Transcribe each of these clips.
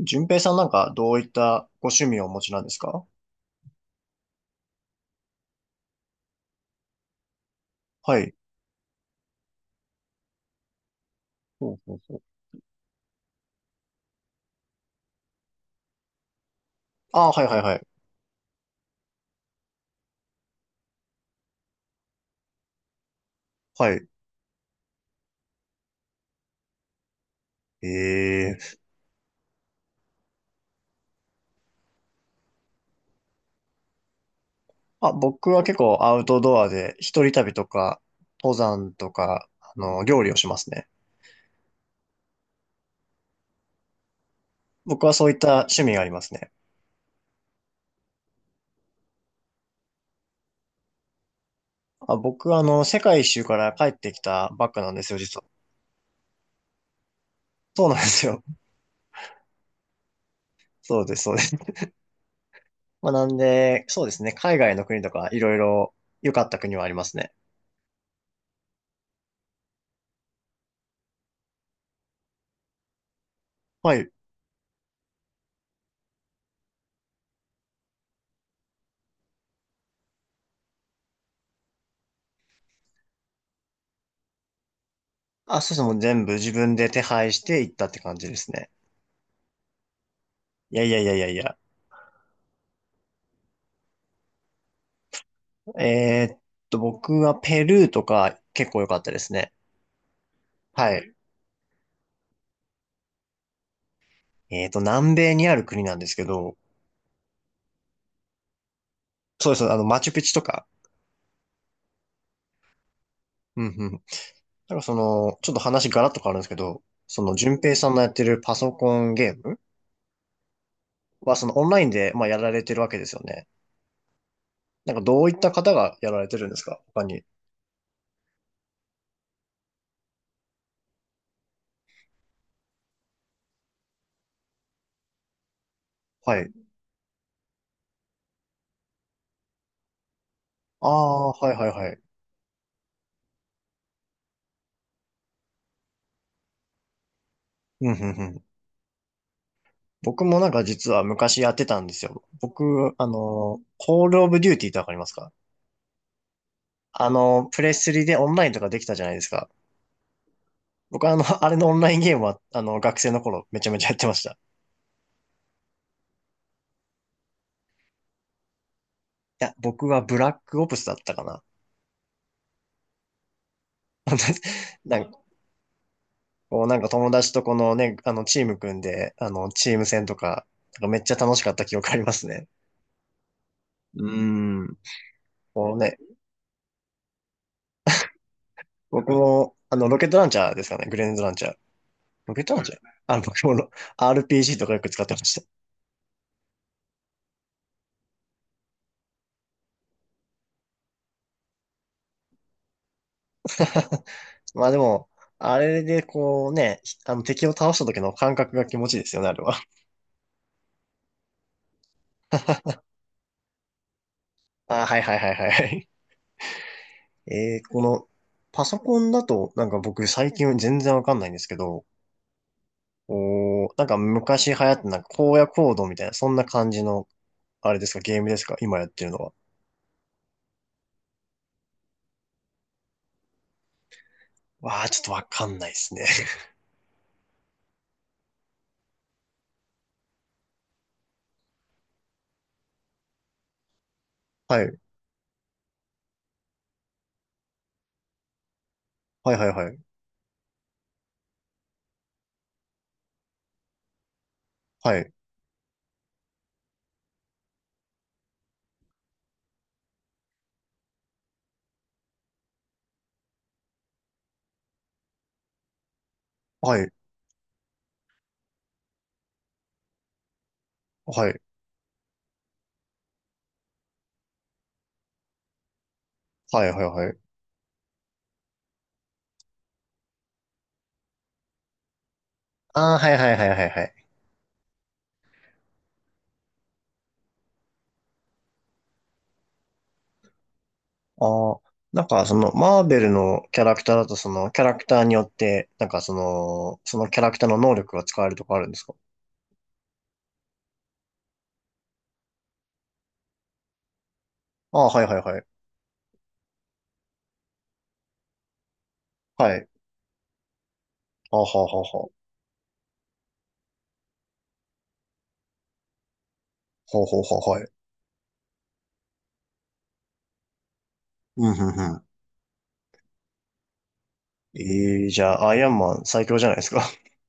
順平さん、なんかどういったご趣味をお持ちなんですか？はい。ほうほうほう。あ、はいはいはい。はい。ええ。あ、僕は結構アウトドアで一人旅とか、登山とか、料理をしますね。僕はそういった趣味がありますね。あ、僕は世界一周から帰ってきたばっかなんですよ、実は。そうなんですよ。そうです、そうです。まあ、なんで、そうですね。海外の国とか、いろいろ良かった国はありますね。はい。あ、そうですね。もう全部自分で手配して行ったって感じですね。いやいやいやいやいや。えーっ僕はペルーとか結構良かったですね。はい。南米にある国なんですけど、そうです、マチュピチュとか。うんうん。なんかちょっと話ガラッと変わるんですけど、淳平さんのやってるパソコンゲームは、オンラインで、まあ、やられてるわけですよね。なんか、どういった方がやられてるんですか、他に？はい。ああ、はいはいはい。うんうんうん。僕もなんか実は昔やってたんですよ。僕、コールオブデューティーってわかりますか？プレスリでオンラインとかできたじゃないですか。僕はあれのオンラインゲームは、学生の頃めちゃめちゃやってました。いや、僕はブラックオプスだったかな。なんか、こうなんか友達とこのね、チーム組んで、チーム戦とか、なんかめっちゃ楽しかった記憶ありますね。うーん。こうね、僕も、ロケットランチャーですかね、グレネードランチャー。ロケットランチャー僕もRPG とかよく使ってました。まあでも、あれでこうね、敵を倒した時の感覚が気持ちいいですよね、あれは。ああ、はいはいはいはい。えー、この、パソコンだと、なんか僕最近全然わかんないんですけど、なんか昔流行ってなんか荒野行動みたいな、そんな感じの、あれですか、ゲームですか、今やってるのは？わー、ちょっとわかんないですね。はい。はいはいはい。はい。はい。はい。はいはいはい。あー、はいはいはいはいはい。あー、はいはいはいはいはい。あ、なんかマーベルのキャラクターだとキャラクターによって、なんかそのキャラクターの能力が使えるとかあるんですか？ああー、はいはいはい。はい。あーはーはーはー。ほうほうほう、はい。うん、うん、うん。えじゃあ、アイアンマン最強じゃないですか。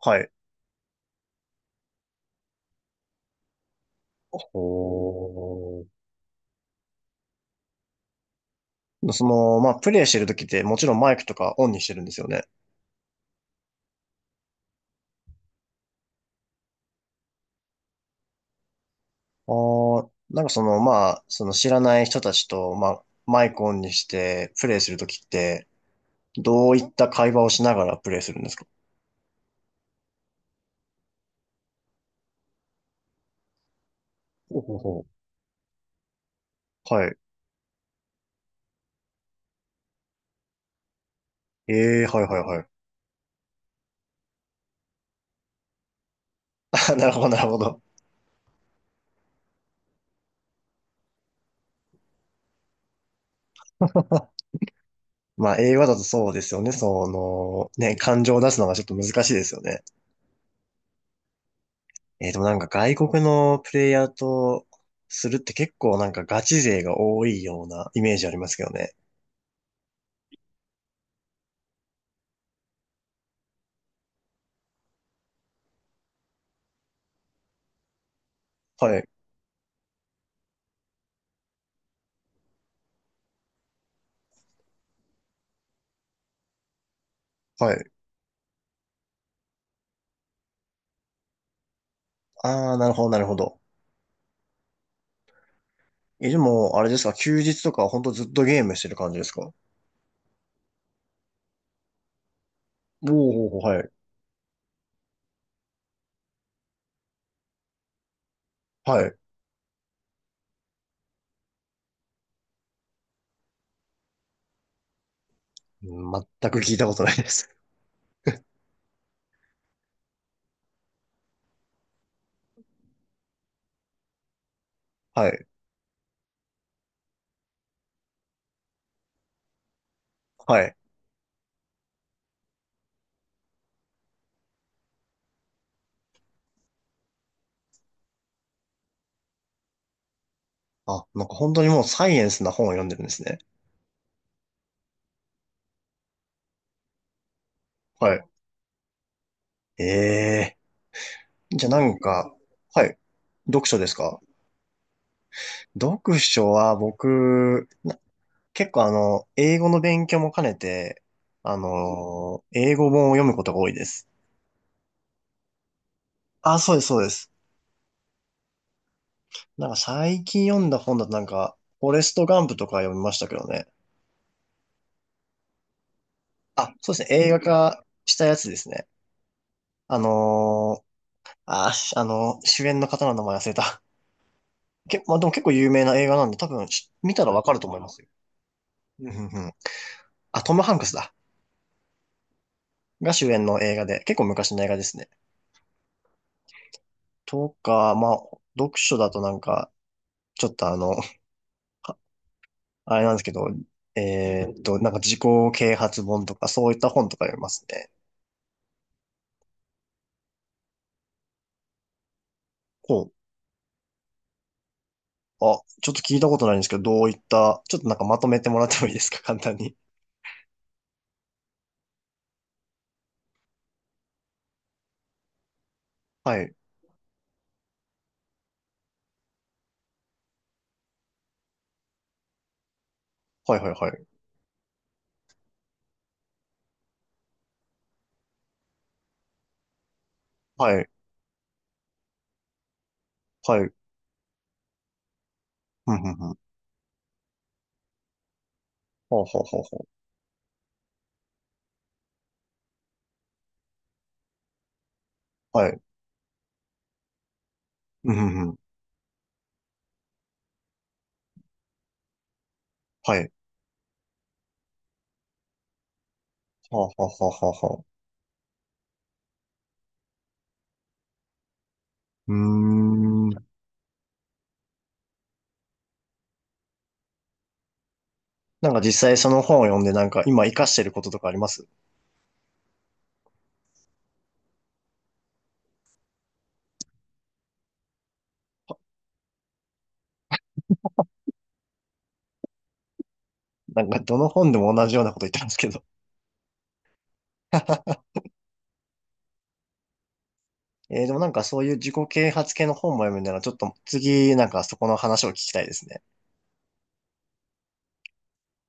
はい。ほう、まあ、プレイしてる時ってもちろんマイクとかオンにしてるんですよね。なんかまあ、知らない人たちと、まあ、マイクオンにしてプレイする時って、どういった会話をしながらプレイするんですか？ほうほうほう。はい。えはいはいはい。なるほど、なるほど。まあ、映画だとそうですよね。ね、感情を出すのがちょっと難しいですよね。でもなんか外国のプレイヤーとするって結構なんかガチ勢が多いようなイメージありますけどね。はい、はい。ああ、なるほど、なるほど。え、でも、あれですか、休日とかはほんとずっとゲームしてる感じですか？おおー、はい、はい。うん、全く聞いたことないです。はい、はい。あ、なんか本当にもうサイエンスな本を読んでるんですね。はい。ええー、じゃあなんか、はい。読書ですか？読書は僕、結構英語の勉強も兼ねて、英語本を読むことが多いです。あ、そうです、そうです。なんか最近読んだ本だとなんか、フォレスト・ガンプとか読みましたけどね。あ、そうですね、映画化したやつですね。あのー、あ、あの主演の方の名前忘れた。まあ、でも結構有名な映画なんで、多分見たらわかると思いますよ。うんうんうん。あ、トム・ハンクスだ。が主演の映画で、結構昔の映画ですね。とか、まあ、読書だとなんか、ちょっとあれなんですけど、なんか自己啓発本とかそういった本とか読みますね。こう。あ、ちょっと聞いたことないんですけど、どういった、ちょっとなんかまとめてもらってもいいですか、簡単に。はい。はいはいはい。はい。はい。ふんふんふん。ほうほうほうほう。はい。うんふんふん。はい。はははははうほうほう。うーん。なんか実際その本を読んでなんか今活かしてることとかあります？なんかどの本でも同じようなこと言ってますけど。でもなんかそういう自己啓発系の本も読むならちょっと次なんかそこの話を聞きたいですね。